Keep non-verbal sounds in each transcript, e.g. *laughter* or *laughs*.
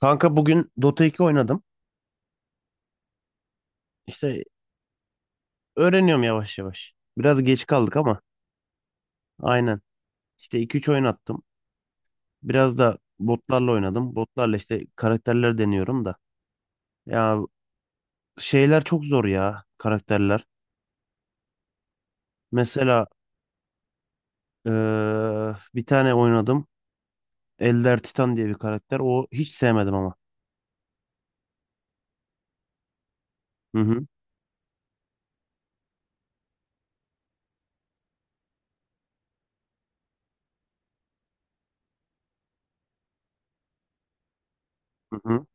Kanka bugün Dota 2 oynadım. İşte öğreniyorum yavaş yavaş. Biraz geç kaldık ama aynen. İşte iki üç oyun attım. Biraz da botlarla oynadım. Botlarla işte karakterler deniyorum da. Ya şeyler çok zor ya karakterler. Mesela bir tane oynadım. Elder Titan diye bir karakter. O hiç sevmedim ama. Hı hı, hı hı.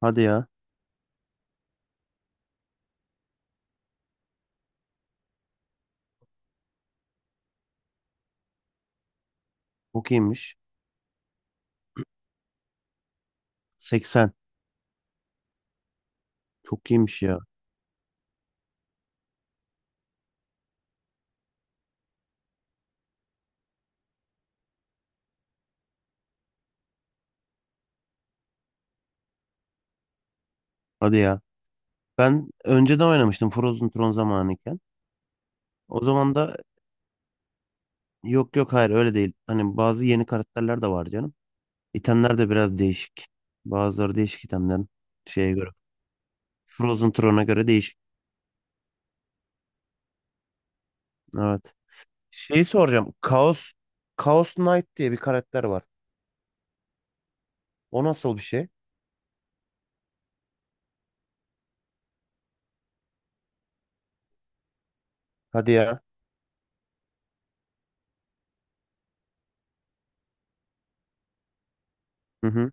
Hadi ya. Çok iyiymiş. 80. Çok iyiymiş ya. Hadi ya. Ben önceden oynamıştım Frozen Throne zamanıyken. O zaman da yok yok, hayır öyle değil. Hani bazı yeni karakterler de var canım. İtemler de biraz değişik. Bazıları değişik itemlerin şeye göre. Frozen Throne'a göre değişik. Evet. Şeyi soracağım. Chaos Knight diye bir karakter var. O nasıl bir şey? Hadi ya. Hı hı.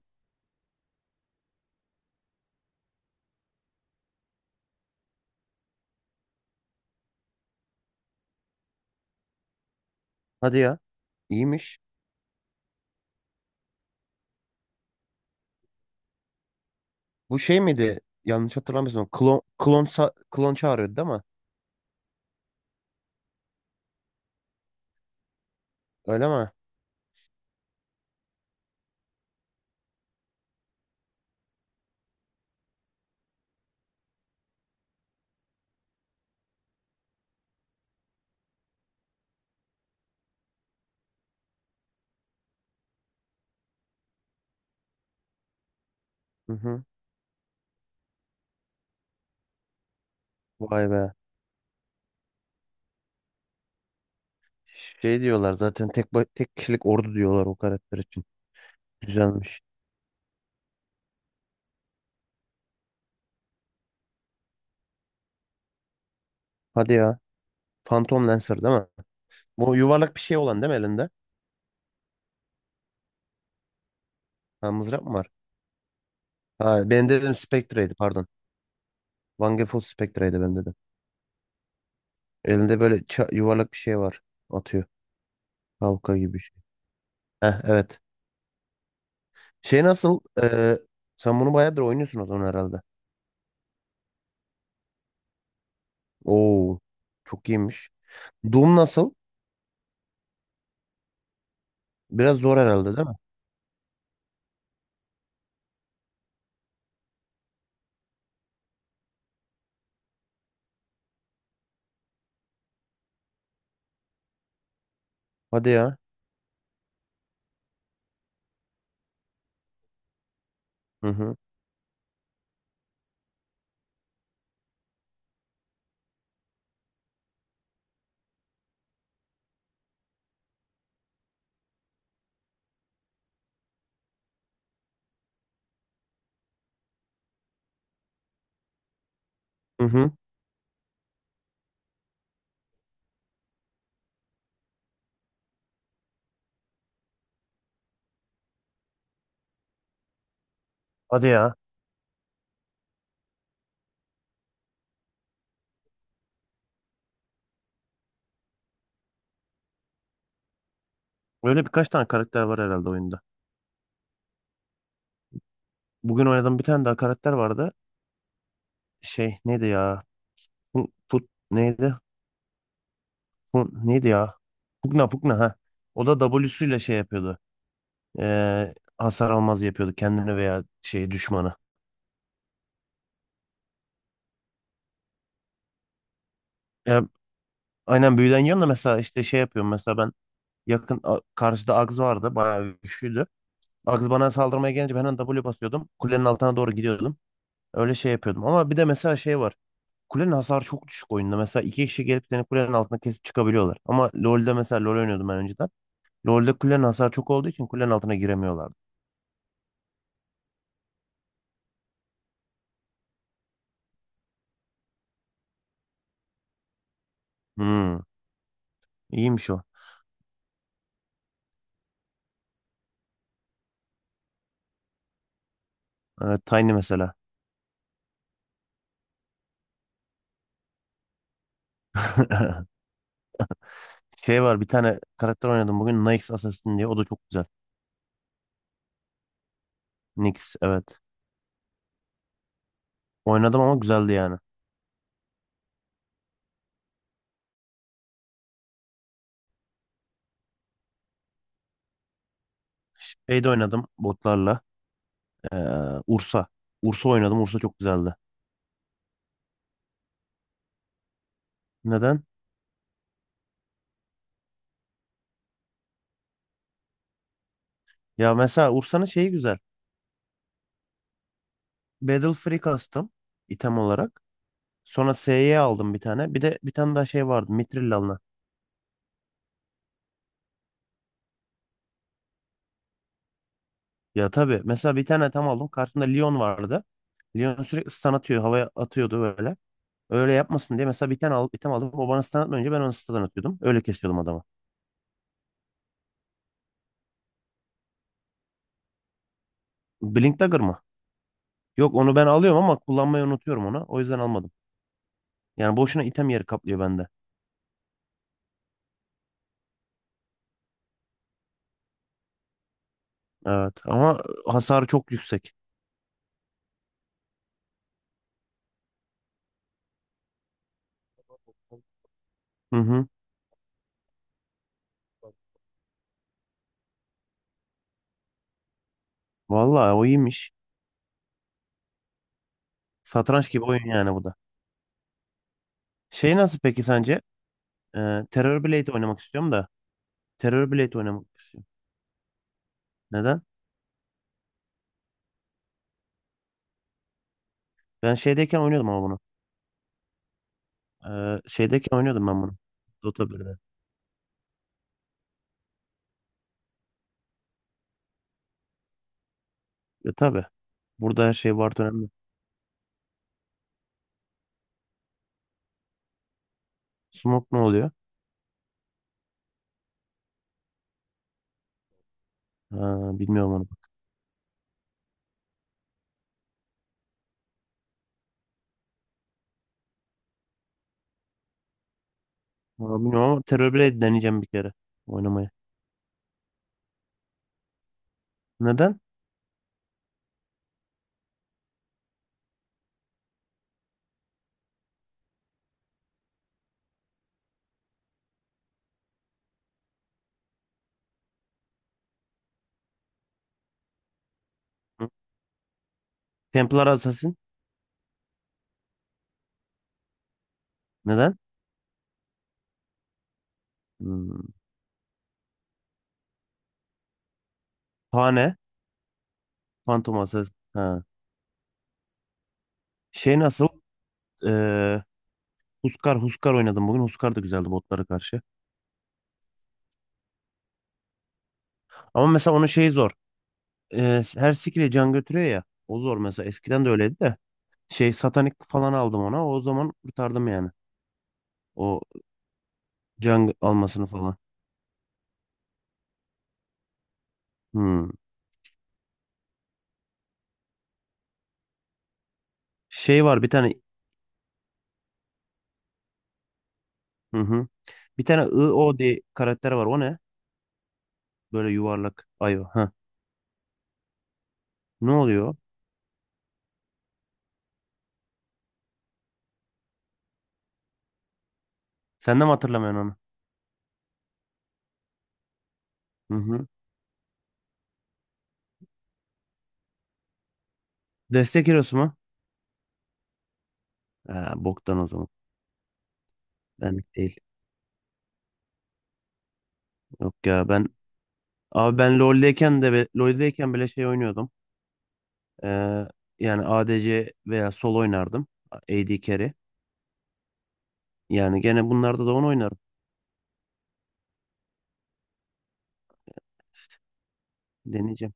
Hadi ya. İyiymiş. Bu şey miydi? Yanlış hatırlamıyorsun. Klon çağırıyordu değil mi? Öyle mi? Hı hı. Vay be. Şey diyorlar zaten tek kişilik ordu diyorlar o karakter için. Güzelmiş. Hadi ya. Phantom Lancer değil mi? Bu yuvarlak bir şey olan değil mi elinde? Ha mızrak mı var? Ha ben dedim Spectre'ydi, pardon. Van Gogh Spectre'ydi ben dedim. Elinde böyle yuvarlak bir şey var. Atıyor. Halka gibi bir şey. Heh, evet. Şey nasıl? Sen bunu bayağıdır oynuyorsun o zaman herhalde. Oo, çok iyiymiş. Doom nasıl? Biraz zor herhalde değil mi? Hadi ya. Hı hı. Hı hı. Hadi ya. Öyle birkaç tane karakter var herhalde oyunda. Bugün oynadığım bir tane daha karakter vardı. Şey neydi ya? Put, put neydi? Bu neydi ya? Pugna, Pugna, ha. O da W'suyla şey yapıyordu. Hasar almaz yapıyordu kendini veya şey düşmanı. Ya, aynen büyüden yan da mesela işte şey yapıyorum. Mesela ben karşıda Agz vardı. Bayağı güçlüydü. Agz bana saldırmaya gelince ben hemen W basıyordum. Kulenin altına doğru gidiyordum. Öyle şey yapıyordum. Ama bir de mesela şey var. Kulenin hasarı çok düşük oyunda. Mesela iki kişi gelip seni kulenin altına kesip çıkabiliyorlar. Ama LoL'de mesela LoL oynuyordum ben önceden. LoL'de kulenin hasarı çok olduğu için kulenin altına giremiyorlardı. Hmm, iyiymiş o. Evet, Tiny mesela. *laughs* Şey var, bir tane karakter oynadım bugün Nyx Assassin diye, o da çok güzel. Nyx, evet. Oynadım ama güzeldi yani. Şey de oynadım botlarla. Ee, Ursa. Ursa oynadım. Ursa çok güzeldi. Neden? Ya mesela Ursa'nın şeyi güzel. Battle Free kastım item olarak. Sonra S'ye aldım bir tane. Bir de bir tane daha şey vardı. Mithril alınan. Ya tabii mesela bir tane tam aldım. Karşımda Leon vardı. Leon sürekli stun atıyor. Havaya atıyordu böyle. Öyle yapmasın diye mesela bir tane alıp bir tane aldım. O bana stun atmayınca ben onu stun atıyordum. Öyle kesiyordum adamı. Blink Dagger mı? Yok, onu ben alıyorum ama kullanmayı unutuyorum onu. O yüzden almadım. Yani boşuna item yeri kaplıyor bende. Evet ama hasarı çok yüksek. Hı hı. Vallahi o iyiymiş. Satranç gibi oyun yani bu da. Şey nasıl peki sence? Terror Blade oynamak istiyorum da. Terror Blade oynamak istiyorum. Neden? Ben şeydeyken oynuyordum ama bunu. Şeydeyken oynuyordum ben bunu. Dota 1'de. E tabi. Burada her şey var önemli. Smoke ne oluyor? Ha, bilmiyorum onu. Ama bilmiyorum, ama Terror Blade deneyeceğim bir kere oynamaya. Neden? Hı? Templar Assassin. Neden? Hmm. Pane. Phantom Assassin. Ha. Şey nasıl? Ee, Huskar oynadım bugün. Huskar da güzeldi botlara karşı. Ama mesela onun şeyi zor. Her skill'e can götürüyor ya. O zor mesela. Eskiden de öyleydi de. Şey, satanik falan aldım ona. O zaman kurtardım yani. O can almasını falan. Hmm. Şey var bir tane. Hı hı. Bir tane I O diye karakter var. O ne? Böyle yuvarlak. Ayo. Ha. Ne oluyor? Sen de mi hatırlamıyorsun onu? Hı hı. Destek hero'su mu? Ha, boktan o zaman. Benlik değil. Yok ya, ben, abi ben LoL'deyken de LoL'deyken bile şey oynuyordum. Ee, Yani ADC veya sol oynardım. AD carry. Yani gene bunlarda da onu oynarım. Deneyeceğim.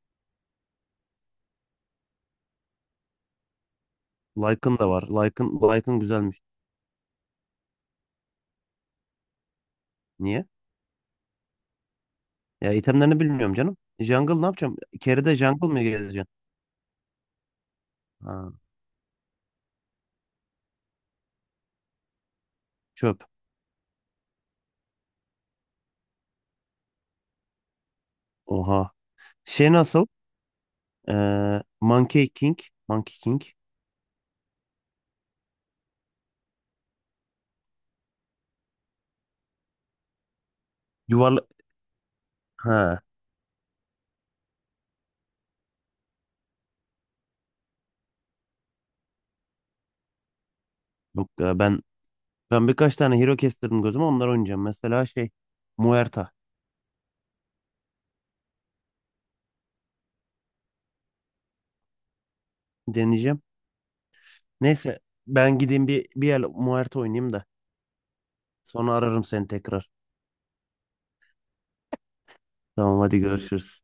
Lycan da var. Lycan güzelmiş. Niye? Ya itemlerini bilmiyorum canım. Jungle ne yapacağım? Carry'de jungle mı gezeceksin? Ha, çöp. Oha. Şey nasıl? Ee, Monkey King. Monkey King. Yuvarla, ha yok ya, ben birkaç tane hero kestirdim gözüme, onlar oynayacağım. Mesela şey, Muerta deneyeceğim. Neyse, ben gideyim bir el Muerta oynayayım da sonra ararım seni tekrar. Tamam, hadi görüşürüz.